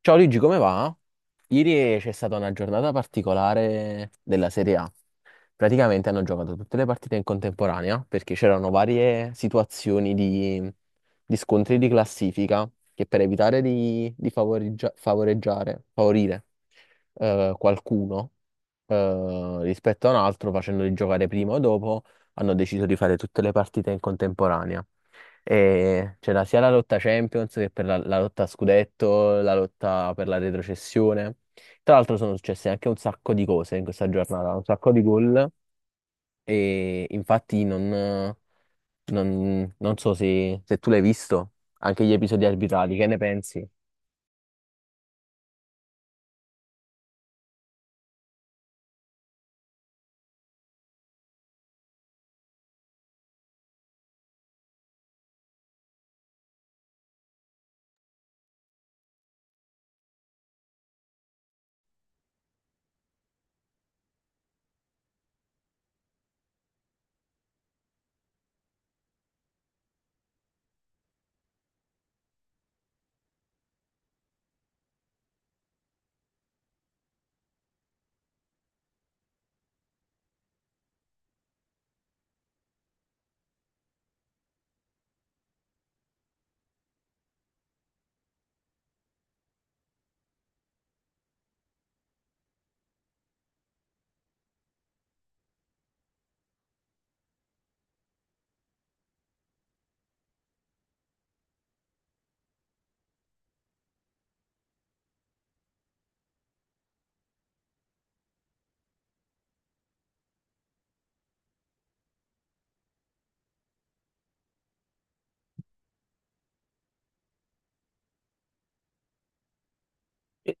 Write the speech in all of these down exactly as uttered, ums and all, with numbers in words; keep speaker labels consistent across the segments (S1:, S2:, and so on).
S1: Ciao Luigi, come va? Ieri c'è stata una giornata particolare della Serie A. Praticamente hanno giocato tutte le partite in contemporanea perché c'erano varie situazioni di, di scontri di classifica che per evitare di, di favoreggia- favoreggiare, favorire eh, qualcuno eh, rispetto a un altro, facendoli giocare prima o dopo, hanno deciso di fare tutte le partite in contemporanea. E c'era sia la lotta Champions che per la, la lotta a scudetto, la lotta per la retrocessione. Tra l'altro sono successe anche un sacco di cose in questa giornata, un sacco di gol e infatti non, non- non so se, se tu l'hai visto, anche gli episodi arbitrali, che ne pensi?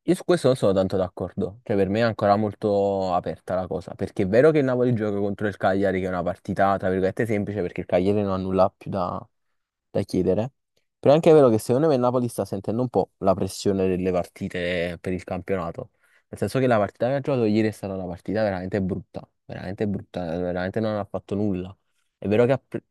S1: Io su questo non sono tanto d'accordo, cioè per me è ancora molto aperta la cosa, perché è vero che il Napoli gioca contro il Cagliari, che è una partita tra virgolette semplice, perché il Cagliari non ha nulla più da, da chiedere, però è anche vero che secondo me il Napoli sta sentendo un po' la pressione delle partite per il campionato, nel senso che la partita che ha giocato ieri è stata una partita veramente brutta, veramente brutta, veramente non ha fatto nulla. È vero che ha pre-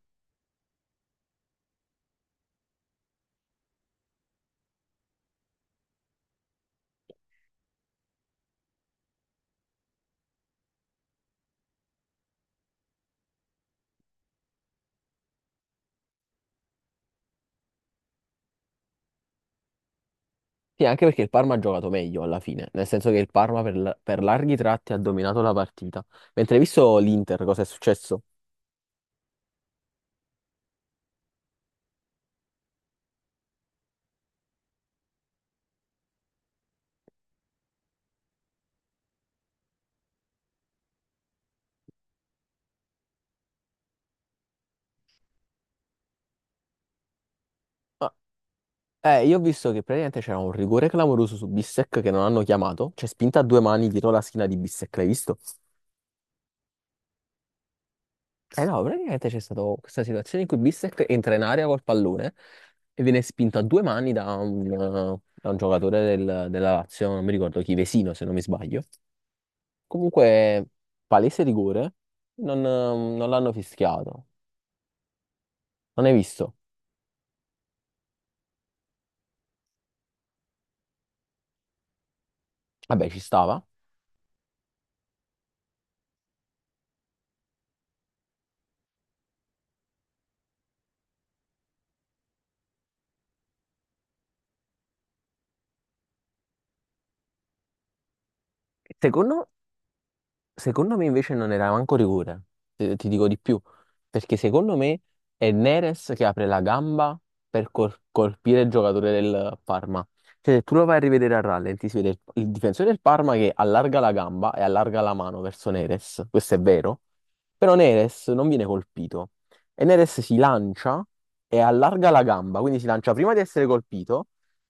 S1: Sì, anche perché il Parma ha giocato meglio alla fine, nel senso che il Parma per, la- per larghi tratti ha dominato la partita. Mentre hai visto l'Inter, cosa è successo? Ah, eh, io ho visto che praticamente c'era un rigore clamoroso su Bissek che non hanno chiamato, cioè spinta a due mani dietro la schiena di Bissek, l'hai visto? Eh no, praticamente c'è stata questa situazione in cui Bissek entra in area col pallone e viene spinto a due mani da un, eh, da un giocatore del- della Lazio, non mi ricordo chi, Vesino se non mi sbaglio. Comunque, palese rigore, non eh, non l'hanno fischiato. Non hai visto? Vabbè, ci stava. Secondo, secondo me invece non era manco rigore, te- ti dico di più, perché secondo me è Neres che apre la gamba per col- colpire il giocatore del Parma. Cioè, se tu lo vai a rivedere a rallenti, si vede il, il difensore del Parma che allarga la gamba e allarga la mano verso Neres, questo è vero, però Neres non viene colpito e Neres si lancia e allarga la gamba, quindi si lancia prima di essere colpito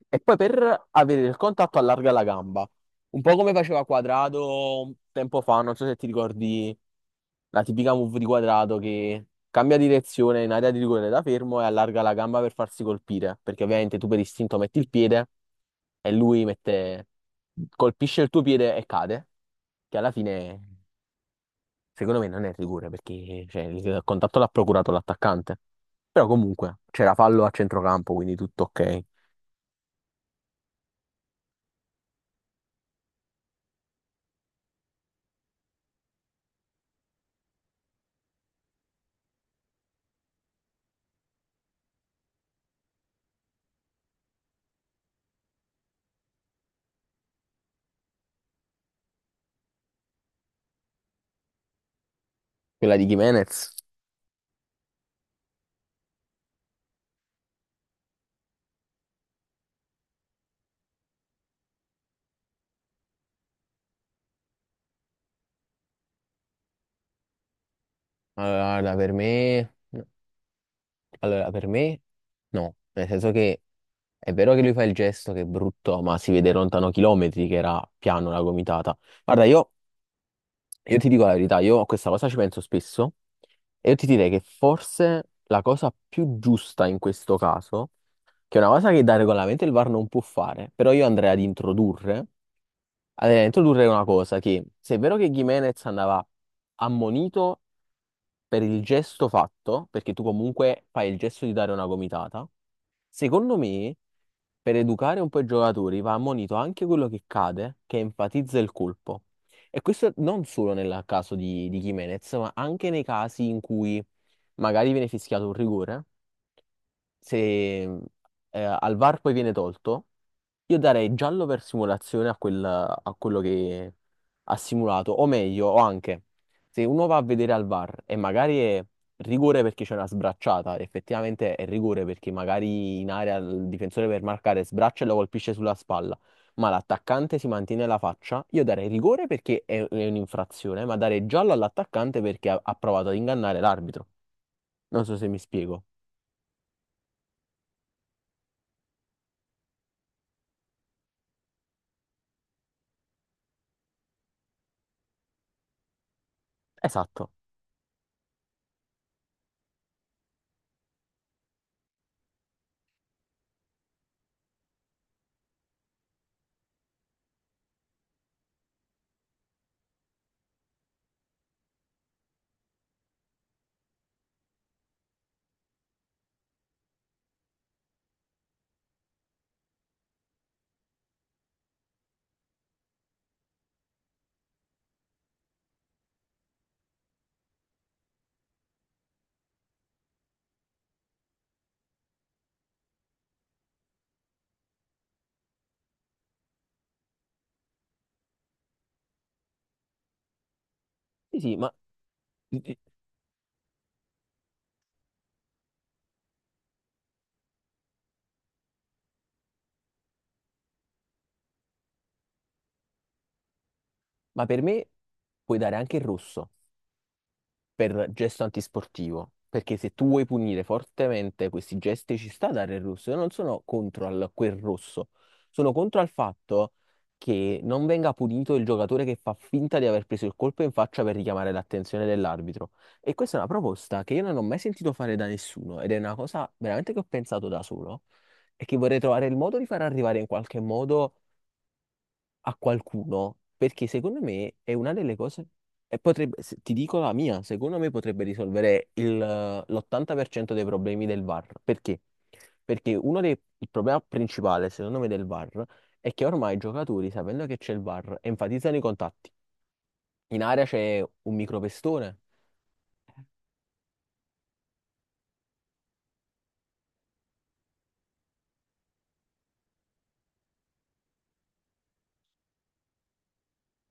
S1: e poi per avere il contatto allarga la gamba. Un po' come faceva Quadrato un tempo fa, non so se ti ricordi la tipica move di Quadrato che cambia direzione in area di rigore da fermo e allarga la gamba per farsi colpire, perché ovviamente tu per istinto metti il piede e lui mette- colpisce il tuo piede e cade, che alla fine secondo me non è rigore perché cioè, il contatto l'ha procurato l'attaccante. Però comunque c'era fallo a centrocampo, quindi tutto ok. Quella di Jimenez, allora, guarda, per me... no, allora, per me... No, nel senso che è vero che lui fa il gesto che è brutto, ma si vede lontano chilometri che era piano la gomitata. Guarda, io, io ti dico la verità, io a questa cosa ci penso spesso e io ti direi che forse la cosa più giusta in questo caso, che è una cosa che da regolamento il V A R non può fare, però io andrei ad introdurre, andrei ad introdurre una cosa che se è vero che Gimenez andava ammonito per il gesto fatto, perché tu comunque fai il gesto di dare una gomitata, secondo me, per educare un po' i giocatori va ammonito anche quello che cade, che enfatizza il colpo. E questo non solo nel caso di, di Jimenez, ma anche nei casi in cui magari viene fischiato un rigore se eh, al V A R poi viene tolto, io darei giallo per simulazione a, quel- a quello che ha simulato, o meglio, o anche se uno va a vedere al V A R e magari è rigore perché c'è una sbracciata, effettivamente è rigore perché magari in area il difensore per marcare sbraccia e lo colpisce sulla spalla. Ma l'attaccante si mantiene la faccia, io darei rigore perché è è un'infrazione, ma darei giallo all'attaccante perché ha ha provato ad ingannare l'arbitro. Non so se mi spiego. Esatto. Sì, sì, ma Ma per me puoi dare anche il rosso per gesto antisportivo, perché se tu vuoi punire fortemente questi gesti ci sta a dare il rosso. Io non sono contro al- quel rosso, sono contro al fatto che non venga punito il giocatore che fa finta di aver preso il colpo in faccia per richiamare l'attenzione dell'arbitro. E questa è una proposta che io non ho mai sentito fare da nessuno ed è una cosa veramente che ho pensato da solo e che vorrei trovare il modo di far arrivare in qualche modo a qualcuno, perché secondo me è una delle cose, e potrebbe, se- ti dico la mia, secondo me potrebbe risolvere il, eh, l'ottanta per cento dei problemi del V A R. Perché? Perché uno dei, il problema principale, secondo me, del V A R è che ormai i giocatori, sapendo che c'è il V A R, enfatizzano i contatti. In area c'è un micropestone.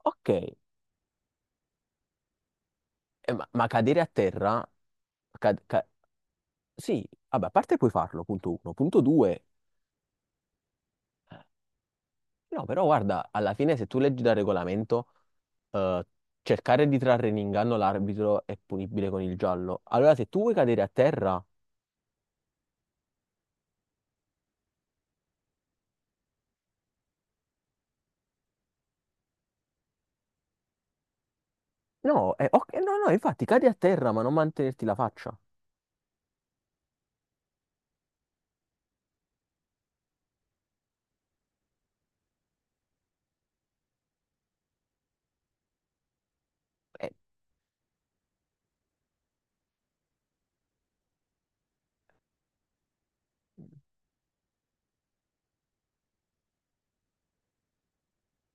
S1: Ok, eh, ma, ma cadere a terra... ca- ca- sì, vabbè, a parte puoi farlo, punto uno. Punto due, no, però guarda, alla fine se tu leggi dal regolamento, eh, cercare di trarre in inganno l'arbitro è punibile con il giallo. Allora se tu vuoi cadere a terra, no, eh, ok, no, no, infatti cadi a terra ma non mantenerti la faccia.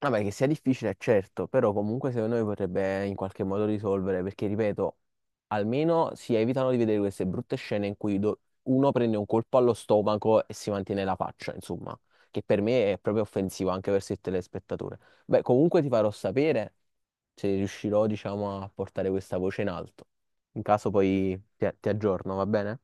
S1: Vabbè, che sia difficile, è certo, però comunque secondo me potrebbe in qualche modo risolvere, perché ripeto, almeno si evitano di vedere queste brutte scene in cui do- uno prende un colpo allo stomaco e si mantiene la faccia, insomma, che per me è proprio offensivo anche verso il telespettatore. Beh, comunque ti farò sapere se riuscirò, diciamo, a portare questa voce in alto. In caso poi ti ti aggiorno, va bene?